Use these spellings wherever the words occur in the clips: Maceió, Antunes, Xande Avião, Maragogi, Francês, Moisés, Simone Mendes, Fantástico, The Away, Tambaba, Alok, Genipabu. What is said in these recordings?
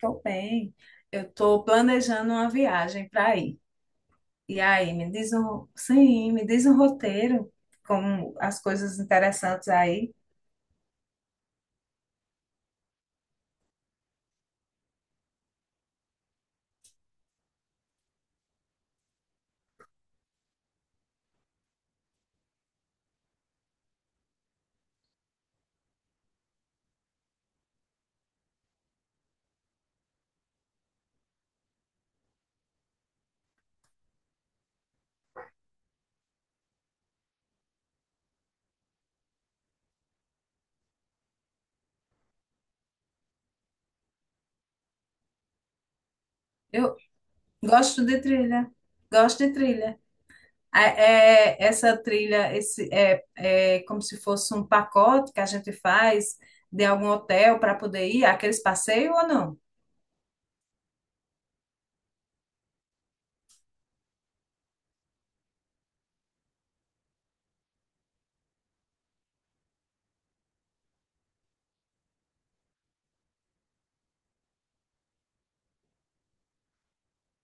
Tô bem. Eu tô planejando uma viagem para ir. E aí, sim, me diz um roteiro com as coisas interessantes aí. Eu gosto de trilha. Gosto de trilha. Essa trilha, esse é como se fosse um pacote que a gente faz de algum hotel para poder ir, aqueles passeios ou não?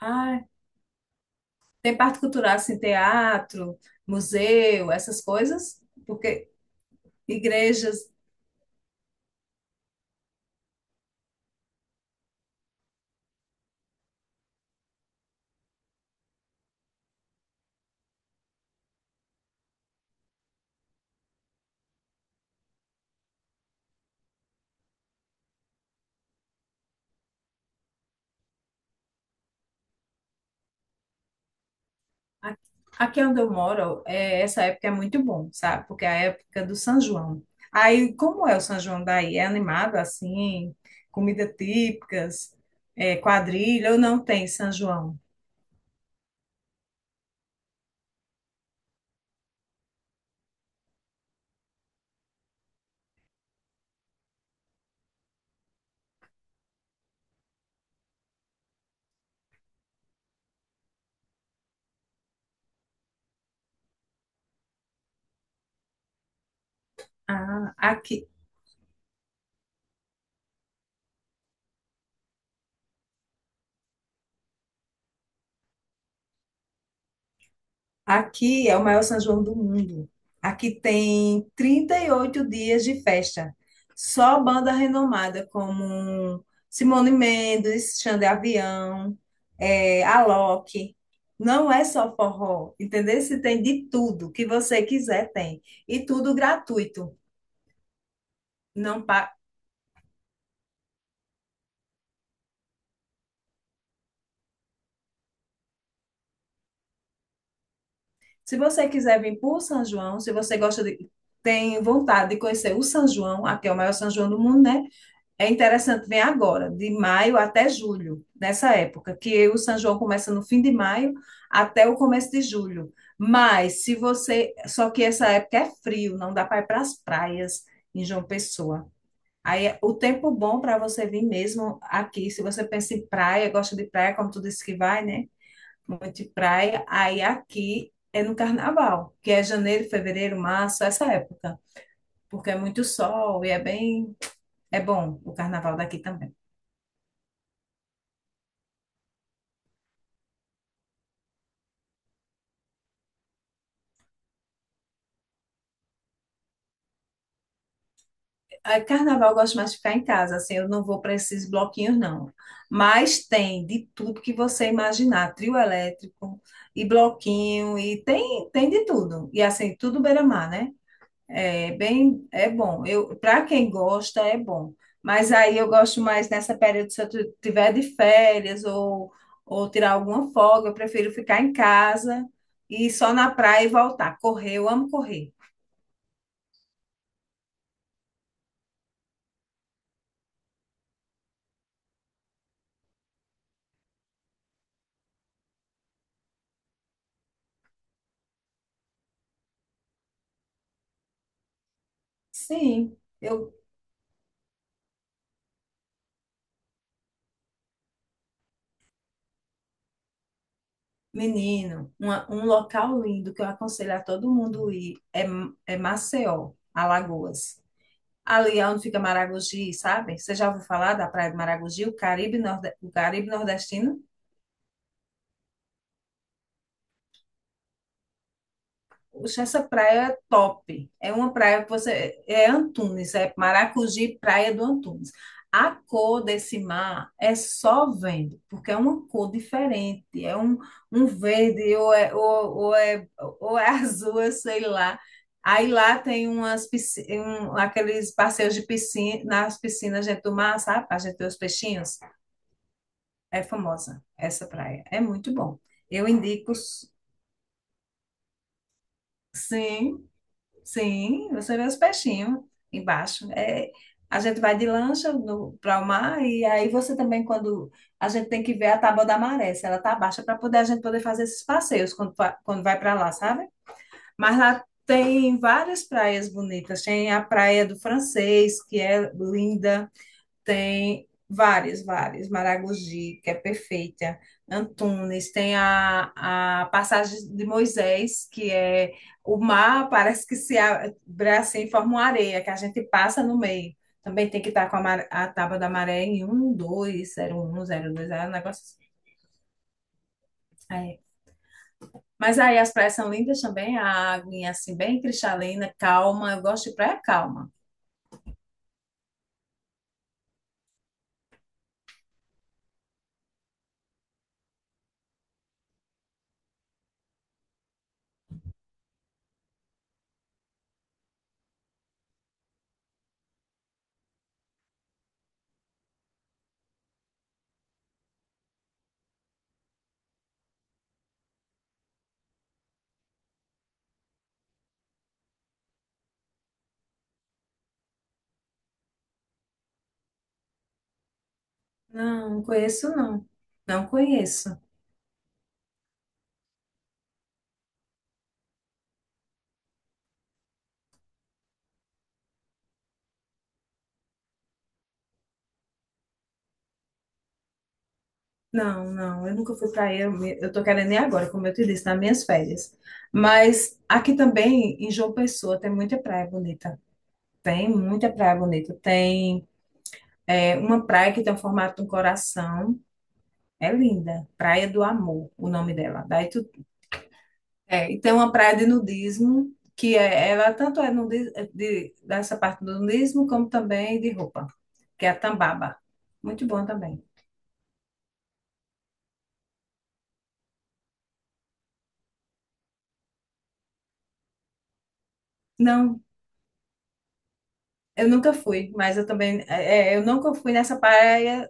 Ah, tem parte cultural, assim, teatro, museu, essas coisas, porque igrejas. A- Aqui onde eu moro, essa época é muito bom, sabe? Porque é a época do São João. Aí, como é o São João daí? É animado assim? Comida típicas, quadrilha, ou não tem São João? Ah, aqui, Aqui é o maior São João do mundo. Aqui tem 38 dias de festa. Só banda renomada como Simone Mendes, Xande Avião, Alok. Não é só forró, entendeu? Se tem de tudo que você quiser, tem. E tudo gratuito. Não pa... Se você quiser vir para o São João, se você gosta de... tem vontade de conhecer o São João, aqui é o maior São João do mundo, né? É interessante, vem agora, de maio até julho, nessa época, que o São João começa no fim de maio até o começo de julho. Mas se você. Só que essa época é frio, não dá para ir para as praias em João Pessoa. Aí é o tempo bom para você vir mesmo aqui, se você pensa em praia, gosta de praia, como tu disse que vai, né? Muito de praia. Aí aqui é no carnaval, que é janeiro, fevereiro, março, essa época, porque é muito sol e é bem. É bom o carnaval daqui também. Ah, Carnaval eu gosto mais de ficar em casa, assim, eu não vou para esses bloquinhos, não. Mas tem de tudo que você imaginar, trio elétrico e bloquinho, e tem de tudo. E assim, tudo beira-mar, né? É bem, é bom. Eu, para quem gosta, é bom. Mas aí eu gosto mais nessa período, se eu tiver de férias ou tirar alguma folga, eu prefiro ficar em casa e ir só na praia e voltar. Correr, eu amo correr. Sim. Eu Menino, um local lindo que eu aconselho a todo mundo ir é Maceió, Alagoas. Ali é onde fica Maragogi, sabe? Você já ouviu falar da Praia de Maragogi, o Caribe, o Caribe nordestino? Poxa, essa praia é top. É uma praia que você. É Antunes, é Maracujá, Praia do Antunes. A cor desse mar é só vendo, porque é uma cor diferente. É um verde, ou é azul, eu sei lá. Aí lá tem aqueles passeios de piscina, nas piscinas dentro do mar, sabe? Para a gente ver os peixinhos. É famosa essa praia. É muito bom. Eu indico, sim. Sim, você vê os peixinhos embaixo. A gente vai de lancha para o mar e aí você também, quando a gente tem que ver a tábua da maré, se ela tá baixa, para poder a gente poder fazer esses passeios quando vai para lá, sabe? Mas lá tem várias praias bonitas. Tem a Praia do Francês, que é linda. Tem vários, vários. Maragogi, que é perfeita. Antunes, tem a passagem de Moisés, que é o mar, parece que se abre assim, forma uma areia, que a gente passa no meio. Também tem que estar com a tábua da maré em 120102, é um negócio assim. É. Mas aí as praias são lindas também, a água assim, bem cristalina, calma. Eu gosto de praia calma. Não, não conheço, não. Não conheço. Não, não, eu nunca fui eu tô querendo ir agora, como eu te disse, nas minhas férias. Mas aqui também, em João Pessoa, tem muita praia bonita. Tem muita praia bonita. Tem uma praia que tem o formato de um coração. É linda. Praia do Amor, o nome dela. E tem uma praia de nudismo, ela tanto é de, dessa parte do nudismo, como também de roupa, que é a Tambaba. Muito bom também. Não, eu nunca fui, mas eu também, eu nunca fui nessa praia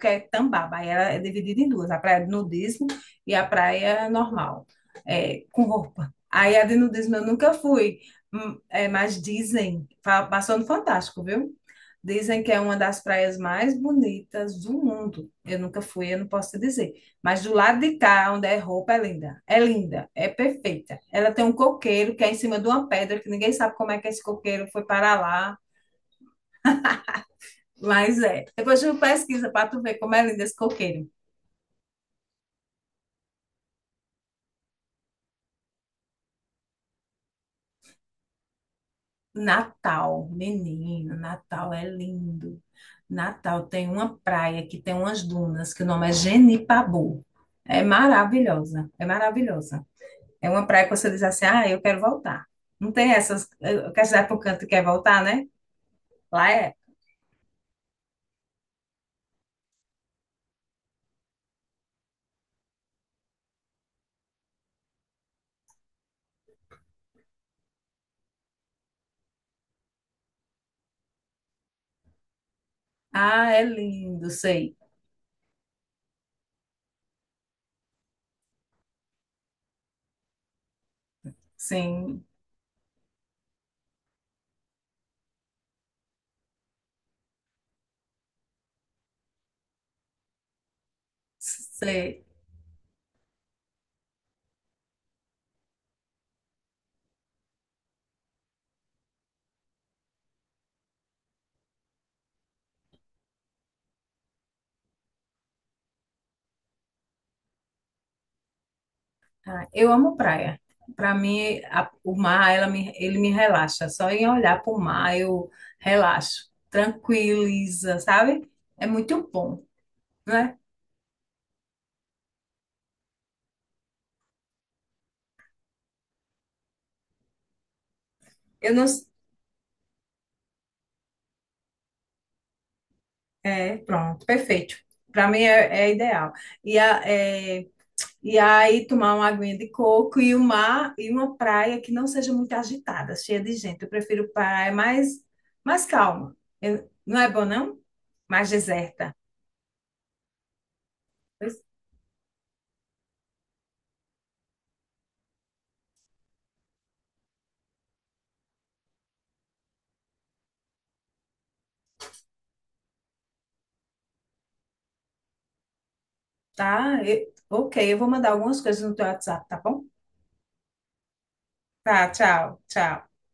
que é Tambaba. Aí ela é dividida em duas, a praia de nudismo e a praia normal, com roupa. Aí a de nudismo eu nunca fui, mas dizem, passou no Fantástico, viu? Dizem que é uma das praias mais bonitas do mundo. Eu nunca fui, eu não posso te dizer. Mas do lado de cá, onde é roupa, é linda. É linda, é perfeita. Ela tem um coqueiro que é em cima de uma pedra, que ninguém sabe como é que esse coqueiro foi para lá, mas é. Depois tu pesquisa para tu ver como é lindo esse coqueiro. Natal, menino, Natal é lindo. Natal tem uma praia que tem umas dunas, que o nome é Genipabu. É maravilhosa, é maravilhosa. É uma praia que você diz assim, ah, eu quero voltar. Não tem essas, eu quero cidade para canto quer voltar, né? Lá é. Ah, é lindo, sei. Sim, sei. Ah, eu amo praia. Para mim, o mar, ele me relaxa. Só em olhar para o mar eu relaxo, tranquiliza, sabe? É muito bom, né? Eu não, pronto, perfeito. Para mim é ideal. E, a, é, e aí tomar uma aguinha de coco e o mar e uma praia que não seja muito agitada, cheia de gente. Eu prefiro praia mais calma. Não é bom, não? Mais deserta. Tá? Ok, eu vou mandar algumas coisas no teu WhatsApp, tá bom? Tá, tchau, tchau.